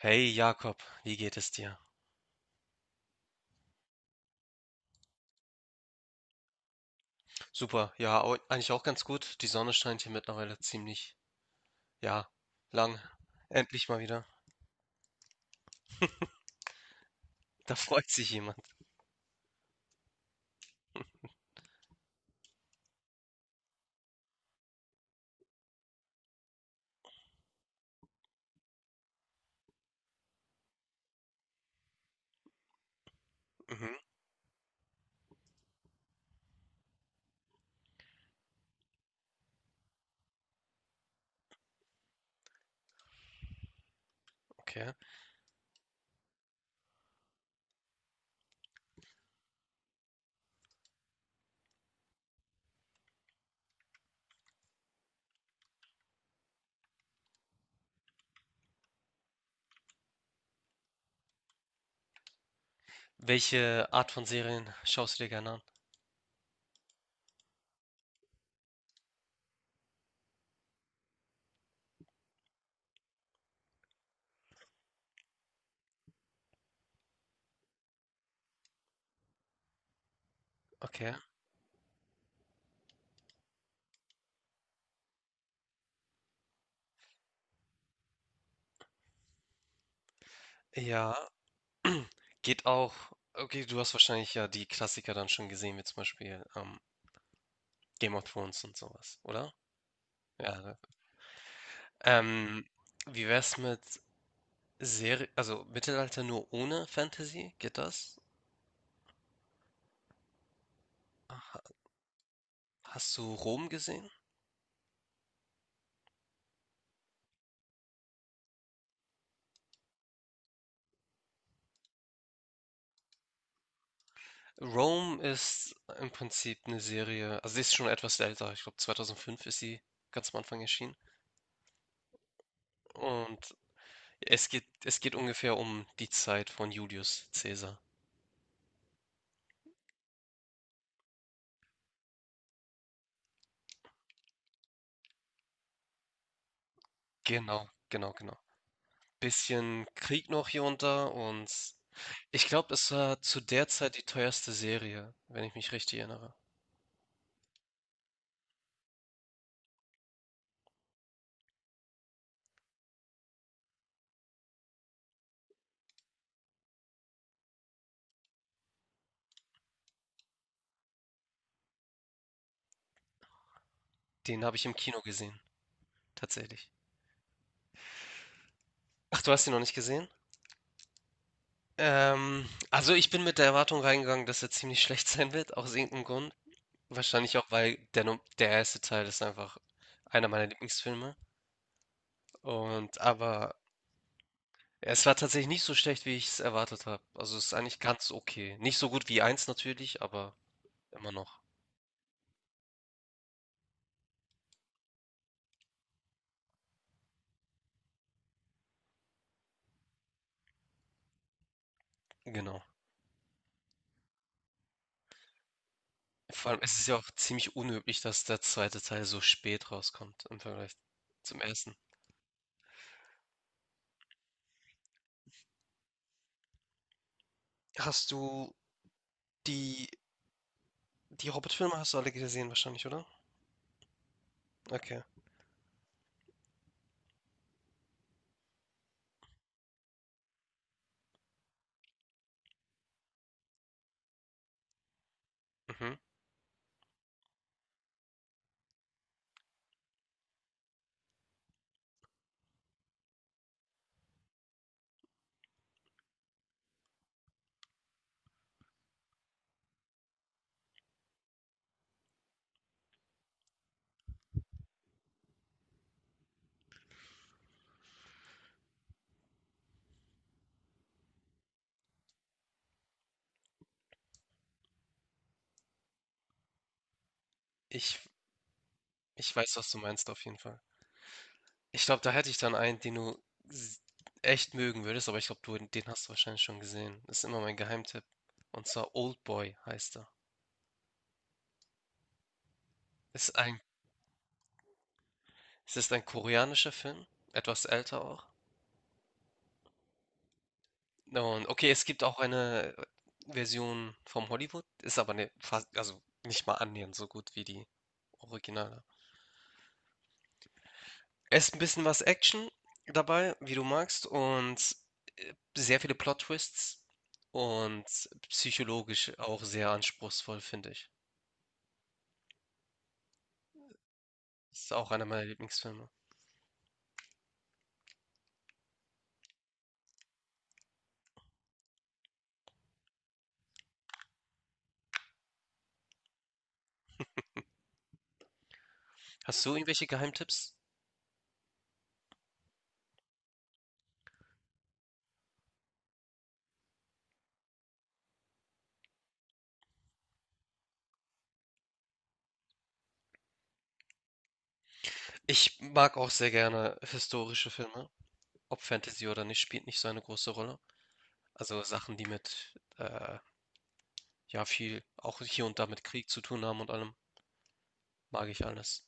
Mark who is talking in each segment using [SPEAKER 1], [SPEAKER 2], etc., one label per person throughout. [SPEAKER 1] Hey Jakob, wie geht es dir? Super, ja, eigentlich auch ganz gut. Die Sonne scheint hier mittlerweile ziemlich, ja, lang. Endlich mal wieder. Da freut sich jemand. Mhm, okay. Welche Art von Serien schaust du dir gerne an? Okay. Ja, geht auch. Okay, du hast wahrscheinlich ja die Klassiker dann schon gesehen, wie zum Beispiel Game of Thrones und sowas, oder? Ja. Ähm, wie wär's mit Serie, also Mittelalter nur ohne Fantasy? Geht das? Hast du Rom gesehen? Rome ist im Prinzip eine Serie, also sie ist schon etwas älter, ich glaube 2005 ist sie ganz am Anfang erschienen. Und es geht ungefähr um die Zeit von Julius Caesar. Genau, genau, genau. Bisschen Krieg noch hier und da, und ich glaube, es war zu der Zeit die teuerste Serie, wenn ich mich richtig erinnere. Den habe ich im Kino gesehen, tatsächlich. Ach, du hast ihn noch nicht gesehen? Also ich bin mit der Erwartung reingegangen, dass er ziemlich schlecht sein wird, aus irgendeinem Grund. Wahrscheinlich auch, weil der, der erste Teil ist einfach einer meiner Lieblingsfilme. Und aber es war tatsächlich nicht so schlecht, wie ich es erwartet habe. Also es ist eigentlich ganz okay. Nicht so gut wie eins natürlich, aber immer noch. Genau. Vor allem ist es ja auch ziemlich unüblich, dass der zweite Teil so spät rauskommt im Vergleich zum ersten. Hast du die, die Hobbit-Filme hast du alle gesehen wahrscheinlich, oder? Okay. Mhm. Ich Ich weiß, was du meinst auf jeden Fall. Ich glaube, da hätte ich dann einen, den du s- echt mögen würdest, aber ich glaube, du, den hast du wahrscheinlich schon gesehen. Das ist immer mein Geheimtipp. Und zwar Oldboy heißt er. Ist ein, es ist ein koreanischer Film, etwas älter auch. Und okay, es gibt auch eine Version vom Hollywood, ist aber ne, fast, also nicht mal annähernd so gut wie die Originale. Es ist ein bisschen was Action dabei, wie du magst, und, sehr viele Plot-Twists und psychologisch auch sehr anspruchsvoll, finde ich. Das ist auch einer meiner Lieblingsfilme. Hast du irgendwelche Geheimtipps? Ich mag auch sehr gerne historische Filme. Ob Fantasy oder nicht, spielt nicht so eine große Rolle. Also Sachen, die mit, äh, ja, viel auch hier und da mit Krieg zu tun haben und allem, mag ich alles.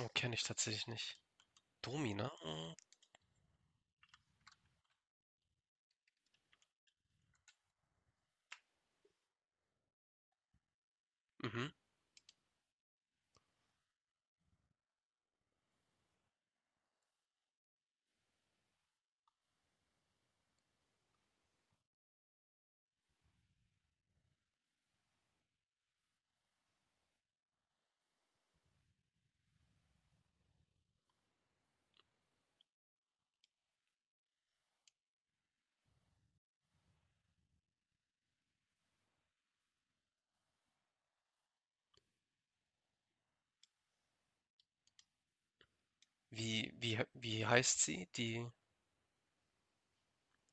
[SPEAKER 1] Oh, kenne ich tatsächlich nicht. Domina? Mhm. Wie heißt sie, die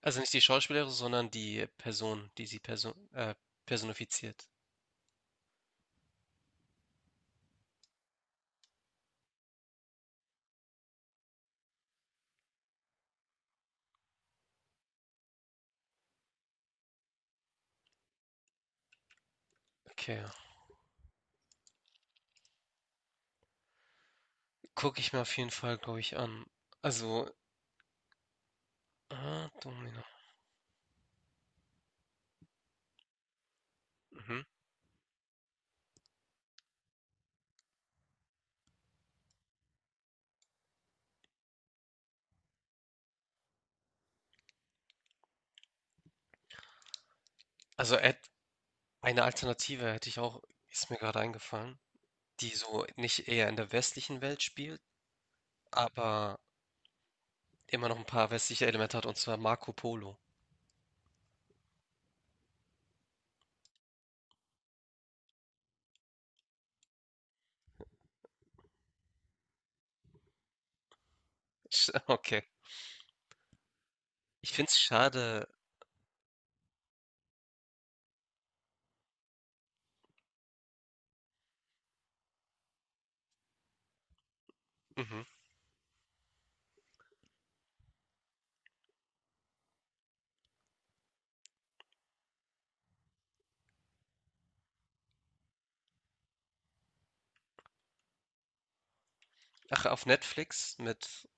[SPEAKER 1] Also nicht die Schauspielerin, sondern die Person, die sie personifiziert. Okay, gucke ich mir auf jeden Fall, glaube ich, an. Also, ah, Domino. Mhm. Also eine Alternative hätte ich auch, ist mir gerade eingefallen, die so nicht eher in der westlichen Welt spielt, aber immer noch ein paar westliche Elemente hat, und zwar Marco Polo. Okay. Ich finde es schade. Mhm. Ach, auf Netflix mit,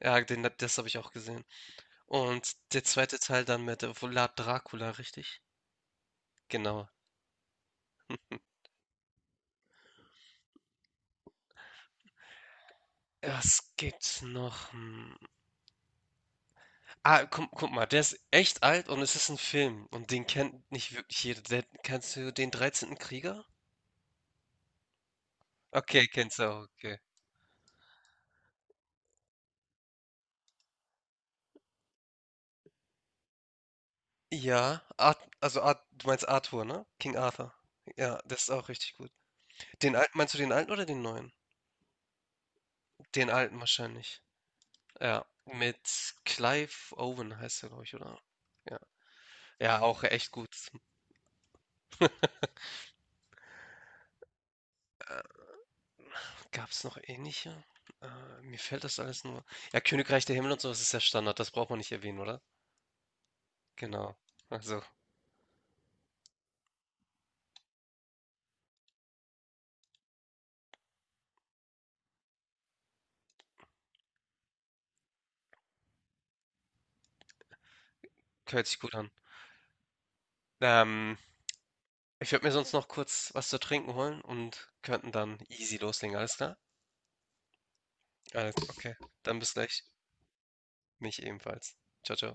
[SPEAKER 1] ja, den, das habe ich auch gesehen. Und der zweite Teil dann mit Vlad Dracula, richtig? Genau. Was gibt's noch? Hm. Ah, guck mal, der ist echt alt und es ist ein Film und den kennt nicht wirklich jeder. Der kennst du den 13. Krieger? Okay, kennst du auch, okay. Ja, Art also Art du meinst Arthur, ne? King Arthur. Ja, das ist auch richtig gut. Den alten meinst du, den alten oder den neuen? Den alten wahrscheinlich. Ja, mit Clive Owen heißt er, glaube ich, oder? Ja. Ja, auch echt gut. Gab's noch ähnliche? Mir fällt das alles nur ja, Königreich der Himmel und so, ist ja Standard, das braucht man nicht erwähnen, oder? Genau. Also, hört sich gut an. Ähm, ich würde mir sonst noch kurz was zu trinken holen und könnten dann easy loslegen, alles klar? Alles, okay. Dann bis gleich. Mich ebenfalls. Ciao, ciao.